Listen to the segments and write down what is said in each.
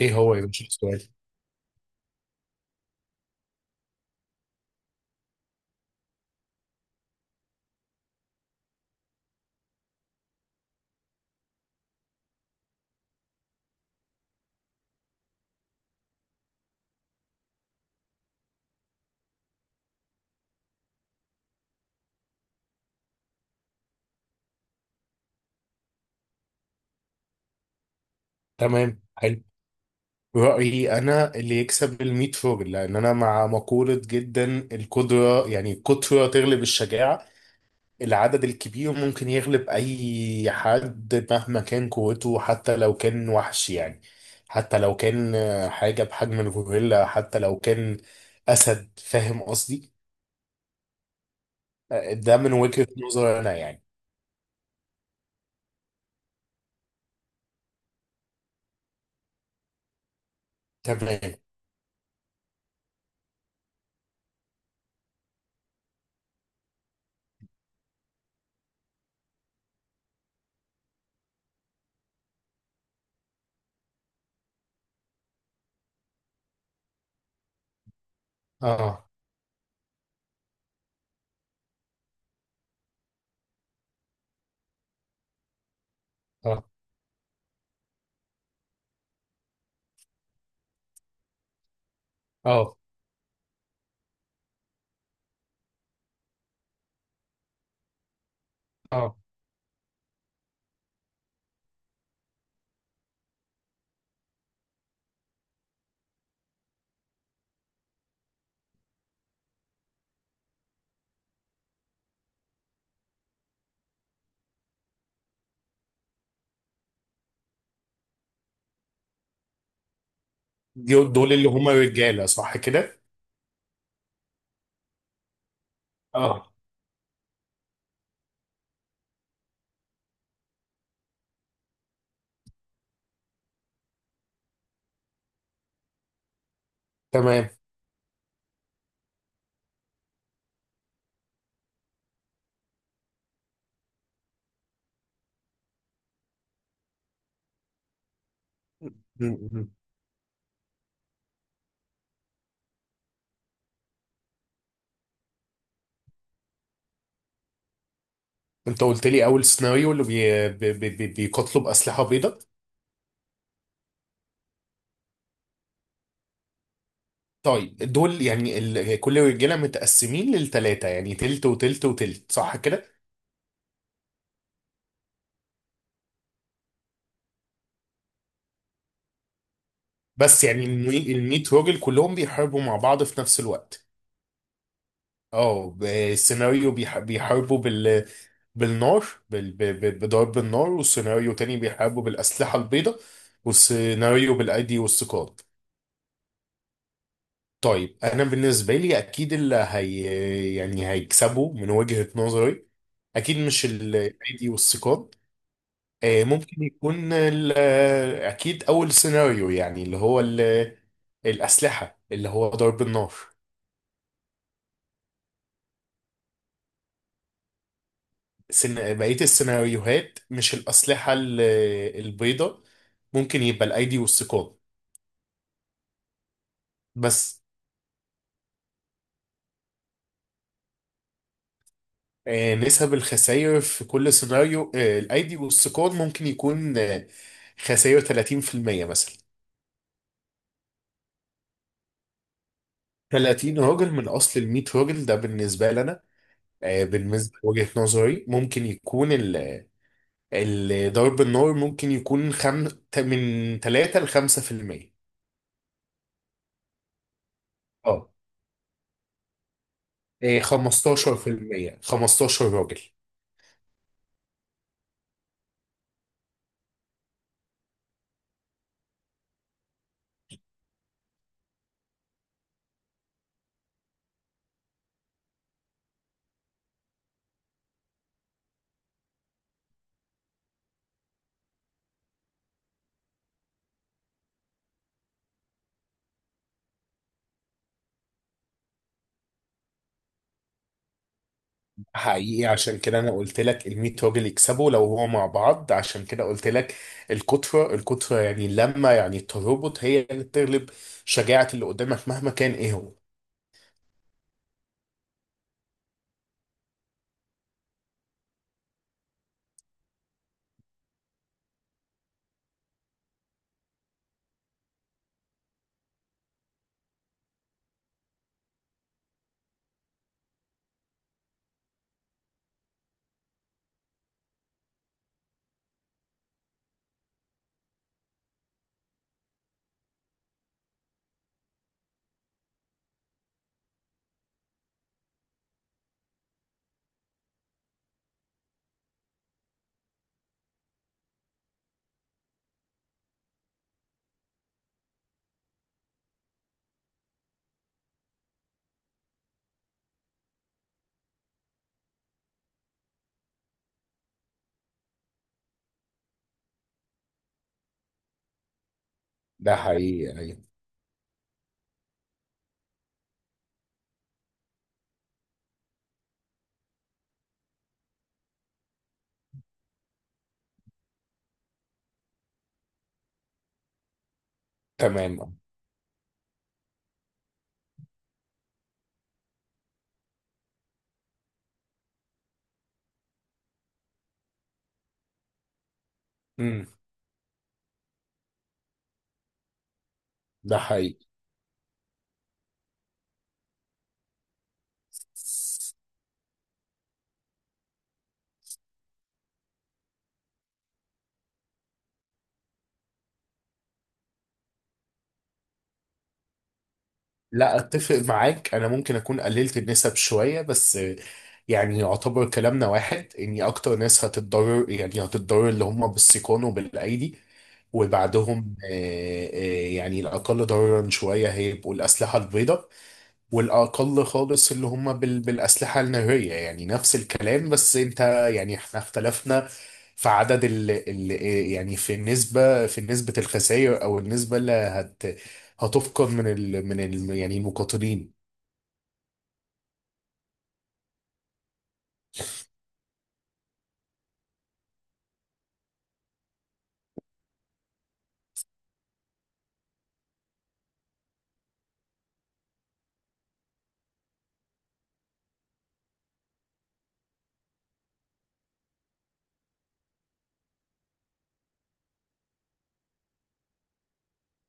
ايه هو يا باشا السؤال؟ تمام، حلو. رأيي انا اللي يكسب الميت فوجل، لان انا مع مقولة جدا. القدرة، يعني القدرة تغلب الشجاعة. العدد الكبير ممكن يغلب اي حد مهما كان قوته، حتى لو كان وحش يعني، حتى لو كان حاجة بحجم الغوريلا، حتى لو كان اسد، فاهم قصدي؟ ده من وجهة نظري انا يعني. تمام. اه، اه، اه، اه. دول اللي هما رجالة، صح كده؟ اه. تمام. م- م. انت قلت لي اول سيناريو اللي بيقتلوا باسلحه بيضاء. طيب، دول يعني كل رجاله متقسمين للثلاثه، يعني تلت وتلت وتلت، صح كده؟ بس يعني ال 100 راجل كلهم بيحاربوا مع بعض في نفس الوقت؟ اه، السيناريو بيحاربوا بالنار، بضرب النار، والسيناريو تاني بيحاربوا بالاسلحه البيضاء، والسيناريو بالايدي والسكات. طيب انا بالنسبه لي اكيد اللي هي يعني هيكسبوا من وجهه نظري، اكيد مش الايدي والثقاب. ممكن يكون اكيد اول سيناريو، يعني اللي هو الاسلحه اللي هو ضرب النار. بقيه السيناريوهات، مش الاسلحه البيضاء، ممكن يبقى الايدي والثقاب. بس نسب الخسائر في كل سيناريو، الايدي والثقاب ممكن يكون خسائر 30% مثلا، 30 راجل من اصل ال 100 راجل، ده بالنسبه لنا. بالنسبه لوجهه نظري ممكن يكون ضرب النار ممكن يكون من 3 ل 5%. اه. 15%، 15 راجل. حقيقي، عشان كده انا قلت لك ال 100 راجل يكسبوا لو هو مع بعض، عشان كده قلت لك الكتره الكتره، يعني اللمه، يعني الترابط هي اللي بتغلب شجاعه اللي قدامك مهما كان ايه هو. ده حقيقي، أيوة. تمام. امم. ده حقيقي. لا، اتفق معاك، انا ممكن اكون قللت النسب شويه بس، يعني يعتبر كلامنا واحد اني اكتر ناس هتتضرر اللي هم بالسيقان وبالايدي، وبعدهم يعني الاقل ضررا شويه هيبقوا الاسلحه البيضاء، والأقل خالص اللي هم بالأسلحة النارية، يعني نفس الكلام، بس أنت يعني إحنا اختلفنا في عدد يعني في نسبة الخسائر، أو النسبة اللي هتفقد من يعني المقاتلين.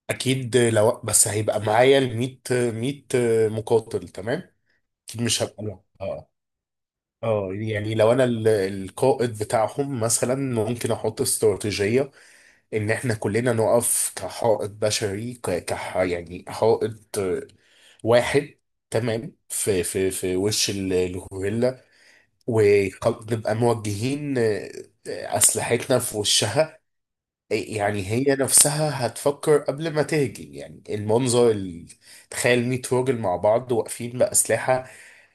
أكيد لو بس هيبقى معايا ال 100 مقاتل، تمام. أكيد مش هبقى لوحدي. اه. اه، يعني لو أنا القائد بتاعهم مثلا، ممكن أحط استراتيجية ان احنا كلنا نقف كحائط بشري، يعني حائط واحد، تمام، في وش الغوريلا. ونبقى موجهين، اسلحتنا في وشها. يعني هي نفسها هتفكر قبل ما تهجم، يعني المنظر تخيل 100 راجل مع بعض واقفين بأسلحة،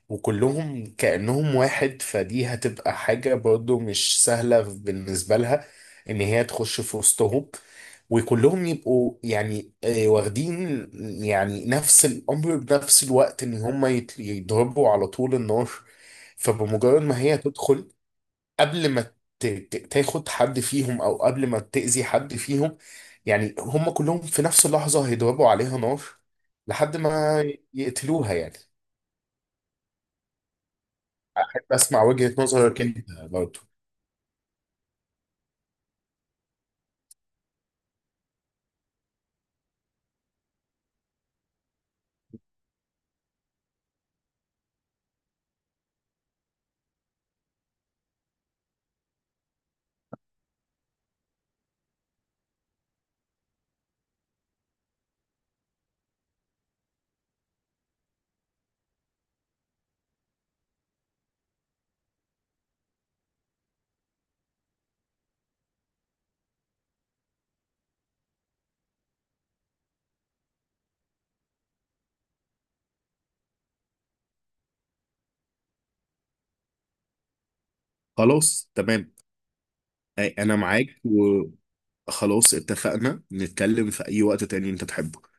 وكلهم كأنهم واحد، فدي هتبقى حاجة برضو مش سهلة بالنسبة لها إن هي تخش في وسطهم، وكلهم يبقوا يعني واخدين يعني نفس الأمر بنفس الوقت، إن هم يضربوا على طول النار. فبمجرد ما هي تدخل، قبل ما تاخد حد فيهم، أو قبل ما تأذي حد فيهم، يعني هم كلهم في نفس اللحظة هيضربوا عليها نار لحد ما يقتلوها يعني. اسمع وجهة نظرك انت برضه. خلاص، تمام. انا معاك، وخلاص، اتفقنا نتكلم في اي وقت تاني انت تحبه.